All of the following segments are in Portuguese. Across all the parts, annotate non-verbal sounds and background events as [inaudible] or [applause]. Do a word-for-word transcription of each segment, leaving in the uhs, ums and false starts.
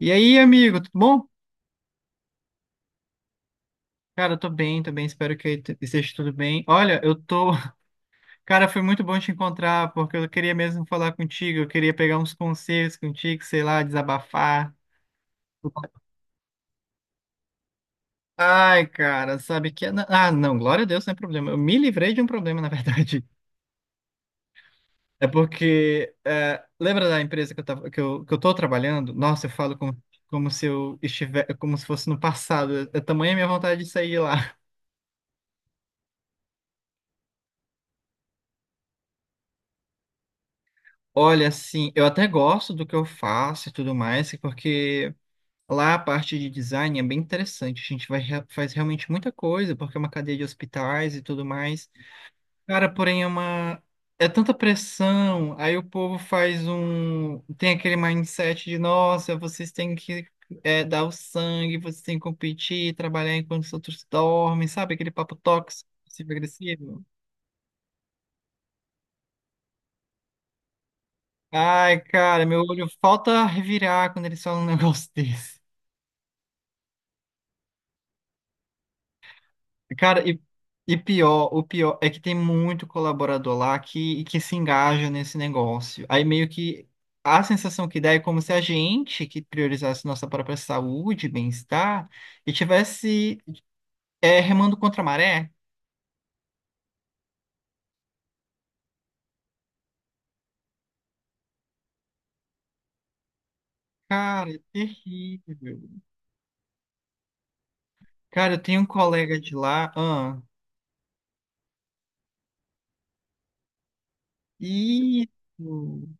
E aí, amigo, tudo bom? Cara, eu tô bem, tô bem, espero que aí t- esteja tudo bem. Olha, eu tô. [laughs] Cara, foi muito bom te encontrar, porque eu queria mesmo falar contigo, eu queria pegar uns conselhos contigo, sei lá, desabafar. Ai, cara, sabe que. Ah, não, glória a Deus, não é problema. Eu me livrei de um problema, na [laughs] verdade. É porque. É, lembra da empresa que eu tava, que eu, que eu tô trabalhando? Nossa, eu falo como, como se eu estiver, como se fosse no passado. É é tamanha a minha vontade de sair lá. Olha, assim, eu até gosto do que eu faço e tudo mais, porque lá a parte de design é bem interessante. A gente vai, rea- faz realmente muita coisa, porque é uma cadeia de hospitais e tudo mais. Cara, porém é uma. É tanta pressão, aí o povo faz um. Tem aquele mindset de, nossa, vocês têm que é, dar o sangue, vocês têm que competir, trabalhar enquanto os outros dormem, sabe? Aquele papo tóxico, agressivo. Ai, cara, meu olho falta revirar quando eles falam um [laughs] negócio desse. Cara, e, e pior, o pior é que tem muito colaborador lá que, que se engaja nesse negócio. Aí meio que a sensação que dá é como se a gente que priorizasse nossa própria saúde, bem-estar, e tivesse é, remando contra a maré. Cara, é terrível. Cara, eu tenho um colega de lá, ah, isso.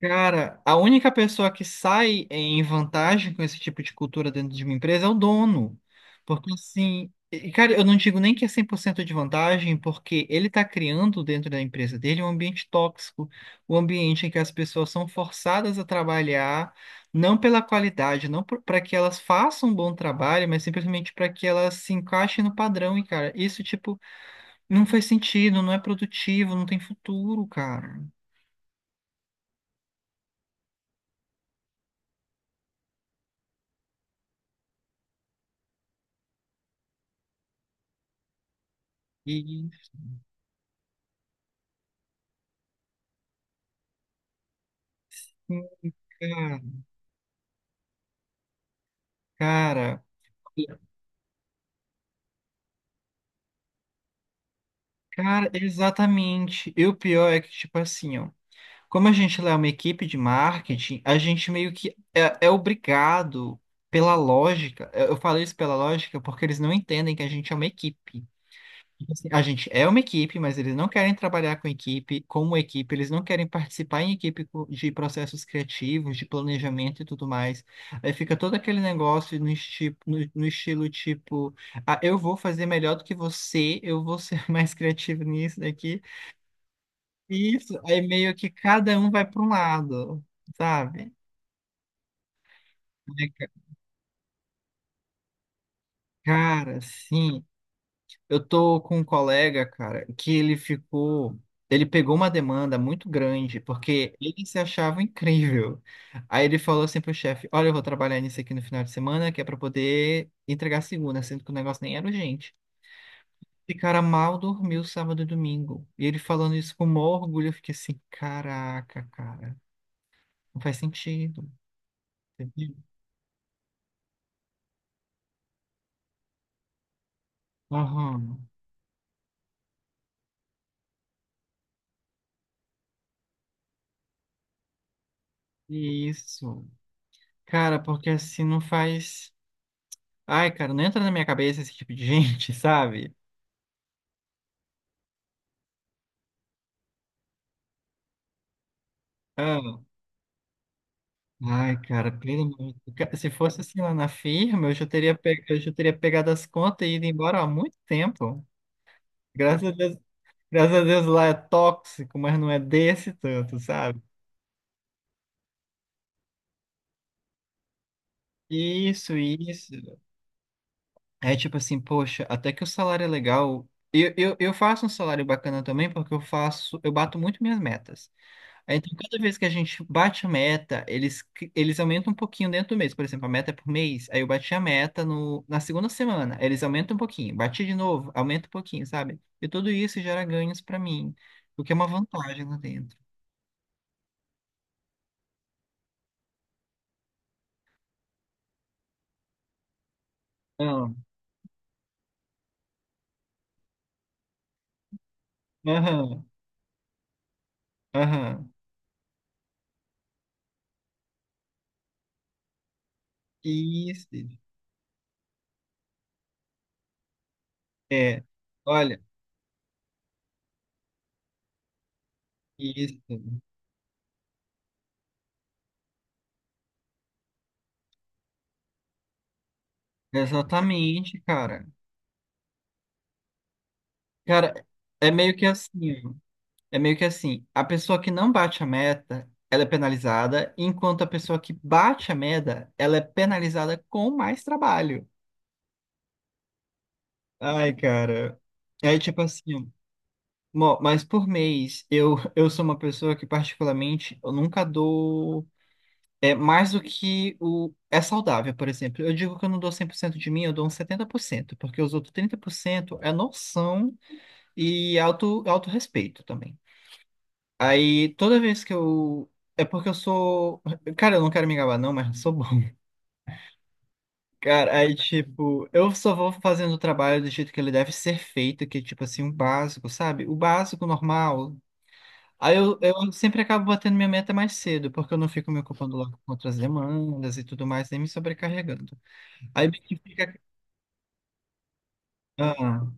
Cara, a única pessoa que sai em vantagem com esse tipo de cultura dentro de uma empresa é o dono. Porque assim, e, cara, eu não digo nem que é cem por cento de vantagem, porque ele está criando dentro da empresa dele um ambiente tóxico, um ambiente em que as pessoas são forçadas a trabalhar, não pela qualidade, não para que elas façam um bom trabalho, mas simplesmente para que elas se encaixem no padrão. E, cara, isso, tipo, não faz sentido, não é produtivo, não tem futuro, cara. E, Cara, cara, exatamente. E o pior é que, tipo assim, ó, como a gente lá é uma equipe de marketing, a gente meio que é, é obrigado pela lógica. Eu eu falei isso pela lógica porque eles não entendem que a gente é uma equipe. Tipo assim, a gente é uma equipe, mas eles não querem trabalhar com equipe, como equipe, eles não querem participar em equipe co- de processos criativos, de planejamento e tudo mais. Aí fica todo aquele negócio no, esti no, no estilo tipo, ah, eu vou fazer melhor do que você, eu vou ser [laughs] mais criativo nisso daqui. Isso, aí meio que cada um vai para um lado, sabe? Aí, ca- Cara, sim. Eu tô com um colega, cara, que ele ficou. Ele pegou uma demanda muito grande, porque ele se achava incrível. Aí ele falou assim pro chefe: Olha, eu vou trabalhar nisso aqui no final de semana, que é pra poder entregar segunda, sendo que o negócio nem era urgente. E cara mal dormiu sábado e domingo. E ele falando isso com maior orgulho, eu fiquei assim: Caraca, cara, não faz sentido. Entendeu? Aham, isso. Cara, porque assim não faz. Ai, cara, não entra na minha cabeça esse tipo de gente, [laughs] sabe? Ah, ai, cara, pelo amor de Deus. Se fosse assim lá na firma, eu já teria, pe... eu já teria pegado as contas e ido embora há muito tempo. Graças a Deus, graças a Deus lá é tóxico, mas não é desse tanto, sabe? Isso, isso. É tipo assim, poxa, até que o salário é legal. Eu, eu, eu faço um salário bacana também, porque eu faço, eu bato muito minhas metas. É, então, cada vez que a gente bate a meta, eles, cri- eles aumentam um pouquinho dentro do mês. Por exemplo, a meta é por mês, aí eu bati a meta no, na segunda semana, aí eles aumentam um pouquinho. Bati de novo, aumenta um pouquinho, sabe? E tudo isso gera ganhos pra mim, o que é uma vantagem lá dentro. Aham, aham, aham. Isso. É, olha, isso. Exatamente, cara. Cara, é meio que assim, ó. É meio que assim, a pessoa que não bate a meta, ela é penalizada, enquanto a pessoa que bate a meta, ela é penalizada com mais trabalho. Ai, cara. É tipo assim, mo- mas por mês, eu, eu sou uma pessoa que particularmente, eu nunca dou é, mais do que o é saudável, por exemplo. Eu digo que eu não dou cem por cento de mim, eu dou uns setenta por cento, porque os outros trinta por cento é noção e auto, autorrespeito também. Aí toda vez que eu. É porque eu sou. Cara, eu não quero me gabar, não, mas eu sou bom. [laughs] Cara, aí tipo, eu só vou fazendo o trabalho do jeito que ele deve ser feito, que é tipo assim, o básico, sabe? O básico normal. Aí eu, eu sempre acabo batendo minha meta mais cedo, porque eu não fico me ocupando logo com outras demandas e tudo mais, nem me sobrecarregando. Aí meio que fica. Ah,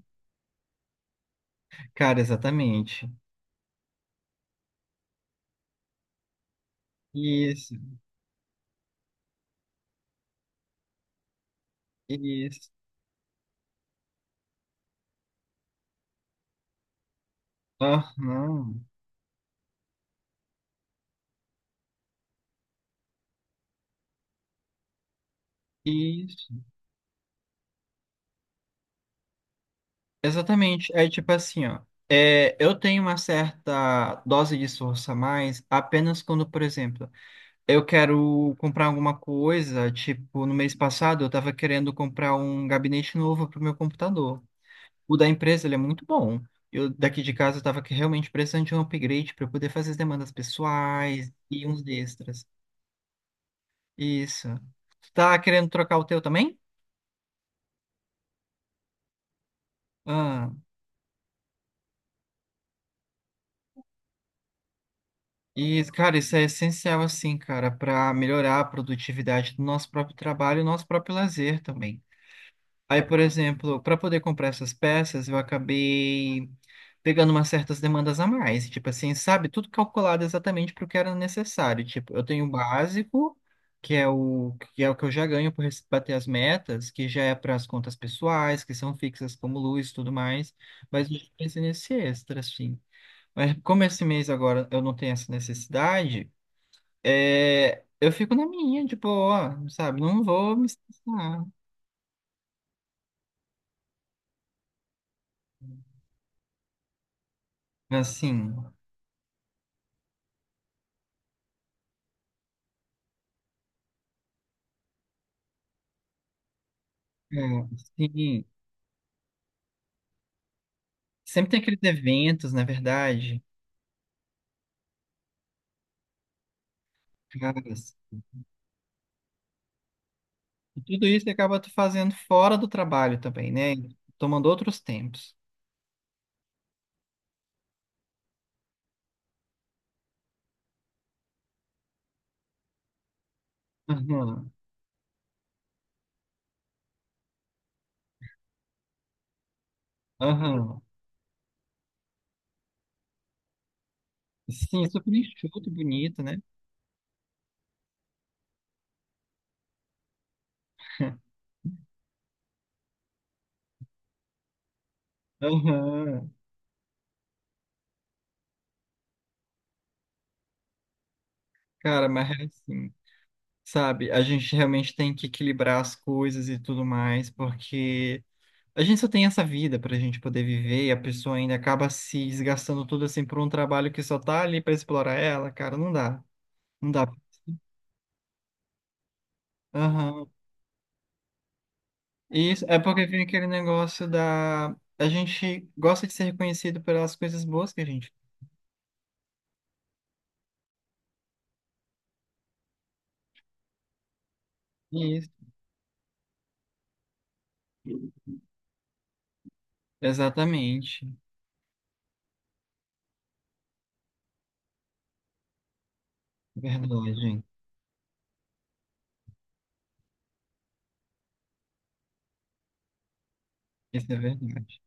cara, exatamente. Isso, isso. Aham. Isso. Exatamente. É tipo assim, ó. É, eu tenho uma certa dose de esforço a mais apenas quando, por exemplo, eu quero comprar alguma coisa. Tipo, no mês passado eu estava querendo comprar um gabinete novo para o meu computador. O da empresa, ele é muito bom. Eu daqui de casa eu estava realmente precisando de um upgrade para eu poder fazer as demandas pessoais e uns extras. Isso. Tu tá querendo trocar o teu também? E, cara, isso é essencial, assim, cara, para melhorar a produtividade do nosso próprio trabalho e nosso próprio lazer também. Aí, por exemplo, para poder comprar essas peças, eu acabei pegando umas certas demandas a mais, tipo assim, sabe? Tudo calculado exatamente para o que era necessário. Tipo, eu tenho o básico, que é o que é o que eu já ganho por res- bater as metas, que já é para as contas pessoais, que são fixas como luz e tudo mais, mas eu já pensei nesse extra, assim. Mas como esse mês agora eu não tenho essa necessidade, é, eu fico na minha, de boa, sabe? Não vou me estressar. Assim, é, sim. Sempre tem aqueles eventos, na verdade, caras. E tudo isso acaba tu fazendo fora do trabalho também, né? Tomando outros tempos. Aham, aham. Sim, super enxuto, bonito, né? Aham. Cara, mas é assim, sabe? A gente realmente tem que equilibrar as coisas e tudo mais, porque. A gente só tem essa vida pra gente poder viver e a pessoa ainda acaba se desgastando tudo assim por um trabalho que só tá ali pra explorar ela, cara, não dá. Não dá. Aham. Isso é porque vem aquele negócio da a gente gosta de ser reconhecido pelas coisas boas que a gente. Isso. Exatamente. Verdade. Isso é verdade.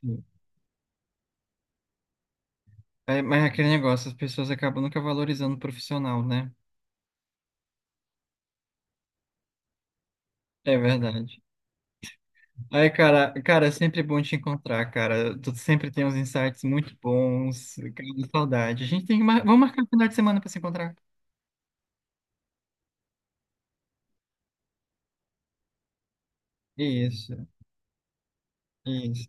Sim. É, mas é aquele negócio, as pessoas acabam nunca valorizando o profissional, né? É verdade. Ai, cara, cara, é sempre bom te encontrar, cara. Tu sempre tem uns insights muito bons. Cara, saudade. A gente tem que mar... Vamos marcar um final de semana pra se encontrar. Isso, isso.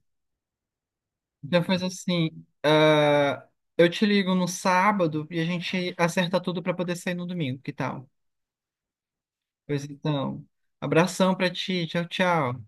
Então faz assim, ah, eu te ligo no sábado e a gente acerta tudo pra poder sair no domingo, que tal? Pois então, abração pra ti, tchau, tchau.